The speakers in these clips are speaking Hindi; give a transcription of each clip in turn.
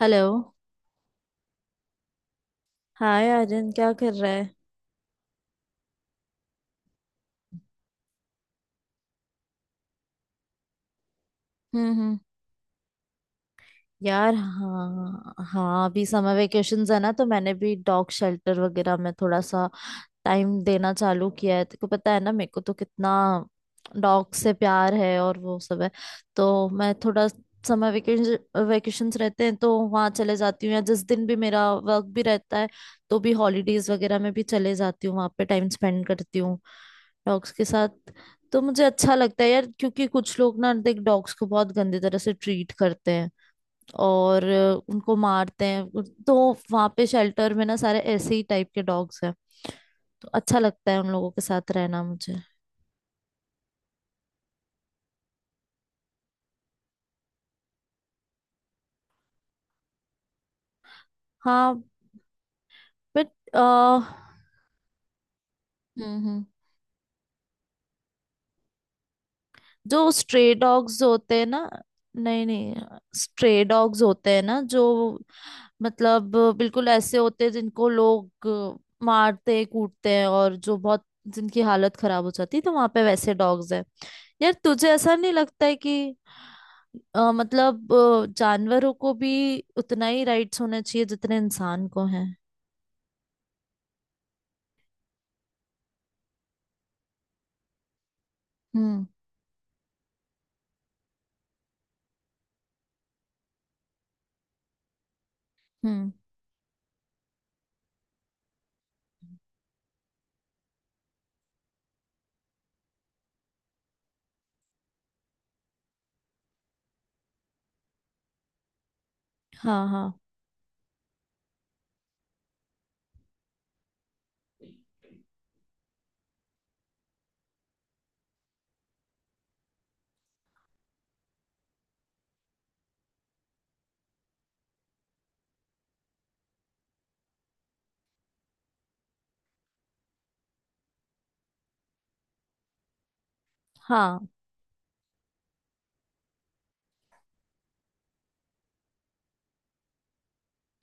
हेलो। हाय आर्यन, क्या कर रहा है। हम्म। यार हाँ हाँ, अभी समर वेकेशंस है ना, तो मैंने भी डॉग शेल्टर वगैरह में थोड़ा सा टाइम देना चालू किया है। तेको पता है ना, मेरे को तो कितना डॉग से प्यार है और वो सब है। तो मैं थोड़ा समर वेकेशन वेकेशंस रहते हैं तो वहाँ चले जाती हूँ, या जिस दिन भी मेरा वर्क भी रहता है तो भी हॉलीडेज वगैरह में भी चले जाती हूँ। वहाँ पे टाइम स्पेंड करती हूँ डॉग्स के साथ। तो मुझे अच्छा लगता है यार, क्योंकि कुछ लोग ना देख डॉग्स को बहुत गंदी तरह से ट्रीट करते हैं और उनको मारते हैं। तो वहां पे शेल्टर में ना सारे ऐसे ही टाइप के डॉग्स हैं, तो अच्छा लगता है उन लोगों के साथ रहना मुझे। हाँ। बट। हम्म हम्म। जो स्ट्रे डॉग्स होते हैं ना। नहीं नहीं। स्ट्रे डॉग्स होते हैं ना जो, मतलब बिल्कुल ऐसे होते हैं जिनको लोग मारते कूटते हैं, और जो बहुत जिनकी हालत खराब हो जाती है, तो वहां पे वैसे डॉग्स हैं। यार तुझे ऐसा नहीं लगता है कि मतलब जानवरों को भी उतना ही राइट्स होना चाहिए जितने इंसान को हैं। हम्म हम्म। हाँ हाँ हाँ।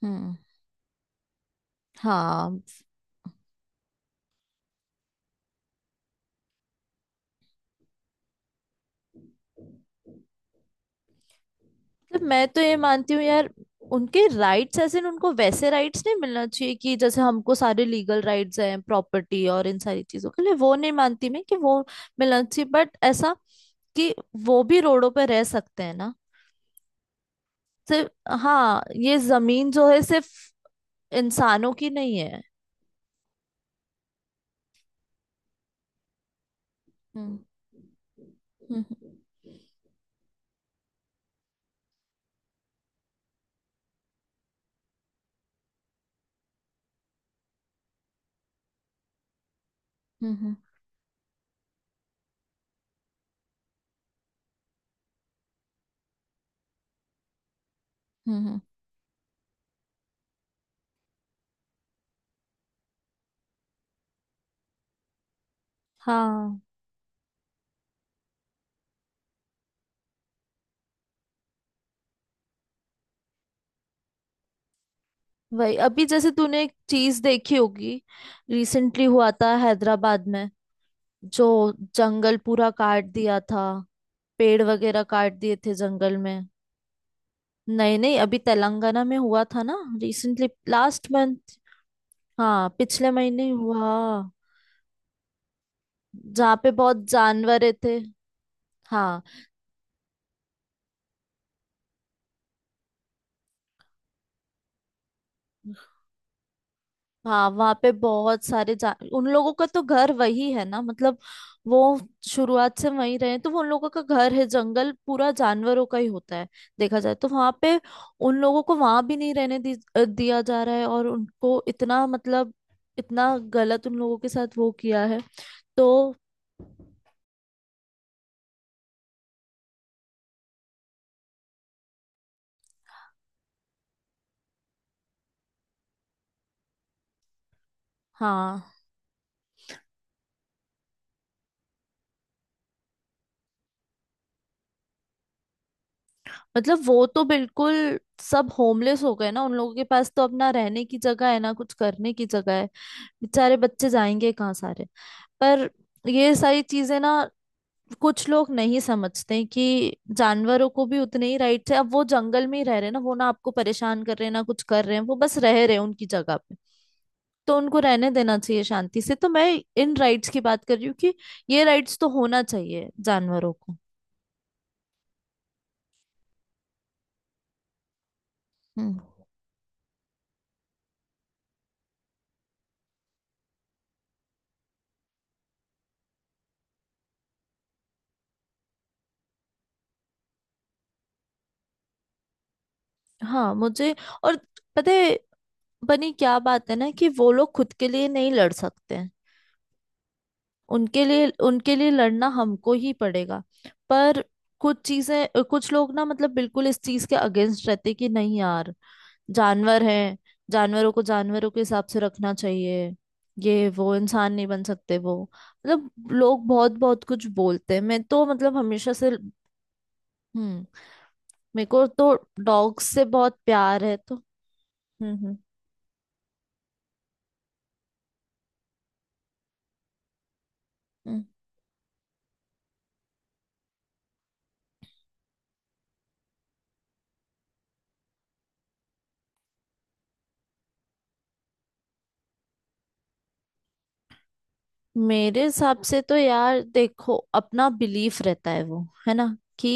हम्म। हाँ। मतलब मैं तो ये मानती हूँ यार, उनके राइट्स ऐसे न, उनको वैसे राइट्स नहीं मिलना चाहिए कि जैसे हमको सारे लीगल राइट्स हैं प्रॉपर्टी और इन सारी चीजों के लिए। वो नहीं मानती मैं कि वो मिलना चाहिए, बट ऐसा कि वो भी रोडों पे रह सकते हैं ना। सिर्फ हाँ, ये जमीन जो है सिर्फ इंसानों की नहीं है। हम्म हम्म हम्म। हम्म। हाँ वही, अभी जैसे तूने एक चीज देखी होगी रिसेंटली, हुआ था हैदराबाद में जो जंगल पूरा काट दिया था, पेड़ वगैरह काट दिए थे जंगल में। नहीं नहीं, अभी तेलंगाना में हुआ था ना, रिसेंटली लास्ट मंथ। हाँ पिछले महीने ही हुआ। जहाँ पे बहुत जानवर थे। हाँ। हाँ वहां पे बहुत सारे जा, उन लोगों का तो घर वही है ना, मतलब वो शुरुआत से वहीं रहे हैं, तो वो उन लोगों का घर है। जंगल पूरा जानवरों का ही होता है देखा जाए तो। वहां पे उन लोगों को वहां भी नहीं रहने दी, दिया जा रहा है, और उनको इतना मतलब इतना गलत उन लोगों के साथ वो किया है। तो हाँ। मतलब वो तो बिल्कुल सब होमलेस हो गए ना, उन लोगों के पास तो अपना रहने की जगह है ना, कुछ करने की जगह है। बेचारे बच्चे जाएंगे कहाँ सारे। पर ये सारी चीजें ना कुछ लोग नहीं समझते कि जानवरों को भी उतने ही राइट्स है। अब वो जंगल में ही रह रहे हैं ना, वो ना आपको परेशान कर रहे हैं ना कुछ कर रहे हैं, वो बस रह रहे हैं उनकी जगह पे, तो उनको रहने देना चाहिए शांति से। तो मैं इन राइट्स की बात कर रही हूँ कि ये राइट्स तो होना चाहिए जानवरों को। हम्म। हाँ मुझे और पता है बनी क्या बात है ना, कि वो लोग खुद के लिए नहीं लड़ सकते हैं, उनके लिए लड़ना हमको ही पड़ेगा। पर कुछ चीजें कुछ लोग ना मतलब बिल्कुल इस चीज के अगेंस्ट रहते हैं कि नहीं यार जानवर हैं, जानवरों को जानवरों के हिसाब से रखना चाहिए, ये वो इंसान नहीं बन सकते वो, मतलब लोग बहुत बहुत कुछ बोलते हैं। मैं तो मतलब हमेशा से। हम्म। मेरे को तो डॉग्स से बहुत प्यार है तो। हम्म हम्म हम्म। मेरे हिसाब से तो यार देखो अपना बिलीफ रहता है वो, है ना। कि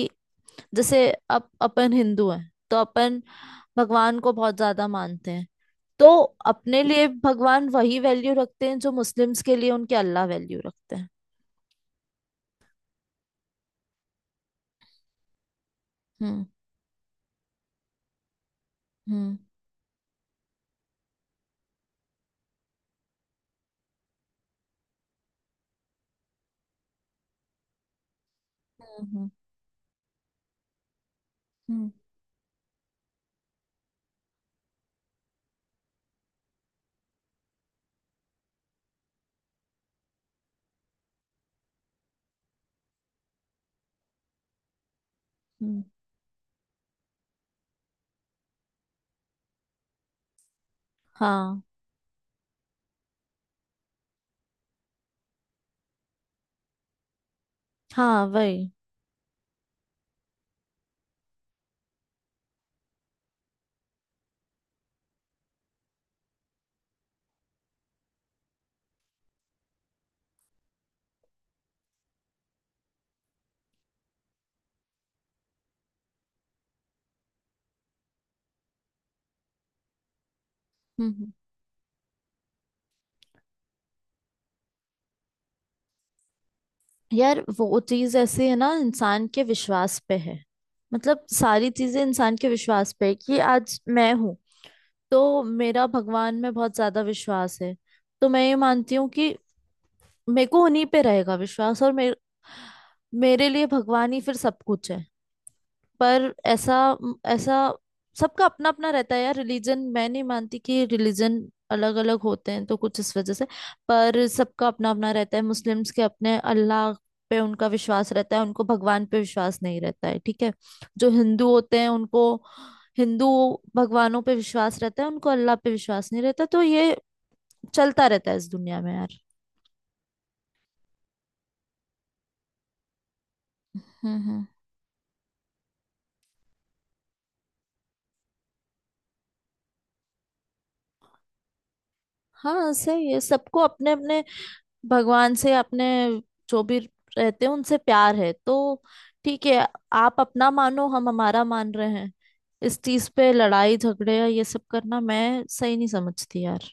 जैसे अब अपन हिंदू हैं तो अपन भगवान को बहुत ज्यादा मानते हैं। तो अपने लिए भगवान वही वैल्यू रखते हैं जो मुस्लिम्स के लिए उनके अल्लाह वैल्यू रखते हैं। हम्म हम्म हम्म। हम्म हम्म। हाँ हाँ वही। हम्म हम्म। यार वो चीज ऐसी है ना, इंसान के विश्वास पे है, मतलब सारी चीजें इंसान के विश्वास पे है कि आज मैं हूँ तो मेरा भगवान में बहुत ज्यादा विश्वास है। तो मैं ये मानती हूँ कि मेरे को उन्हीं पे रहेगा विश्वास, और मेरे मेरे लिए भगवान ही फिर सब कुछ है। पर ऐसा ऐसा सबका अपना अपना रहता है यार। रिलीजन मैं नहीं मानती कि रिलीजन अलग अलग होते हैं तो कुछ इस वजह से। पर सबका अपना अपना रहता है। मुस्लिम्स के अपने अल्लाह पे उनका विश्वास रहता है, उनको भगवान पे विश्वास नहीं रहता है। ठीक है। जो हिंदू होते हैं उनको हिंदू भगवानों पे विश्वास रहता है, उनको अल्लाह पे विश्वास नहीं रहता। तो ये चलता रहता है इस दुनिया में यार। हम्म। हाँ सही है, सबको अपने अपने भगवान से, अपने जो भी रहते हैं उनसे प्यार है तो ठीक है। आप अपना मानो, हम हमारा मान रहे हैं, इस चीज पे लड़ाई झगड़े या ये सब करना मैं सही नहीं समझती यार।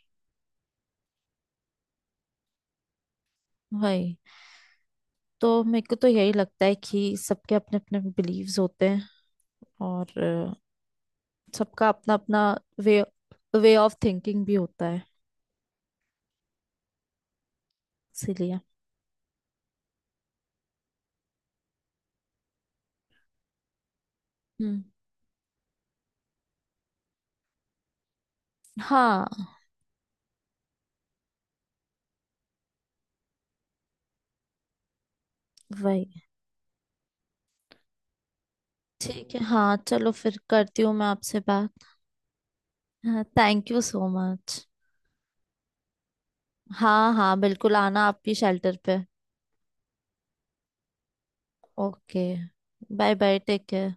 वही, तो मेरे को तो यही लगता है कि सबके अपने अपने बिलीव्स होते हैं, और सबका अपना अपना वे वे ऑफ थिंकिंग भी होता है इसीलिए। हम्म। हाँ वही। ठीक है हाँ, चलो फिर करती हूँ मैं आपसे बात। हाँ थैंक यू सो मच। हाँ हाँ बिल्कुल, आना आपकी शेल्टर पे। Okay. Bye bye, take care.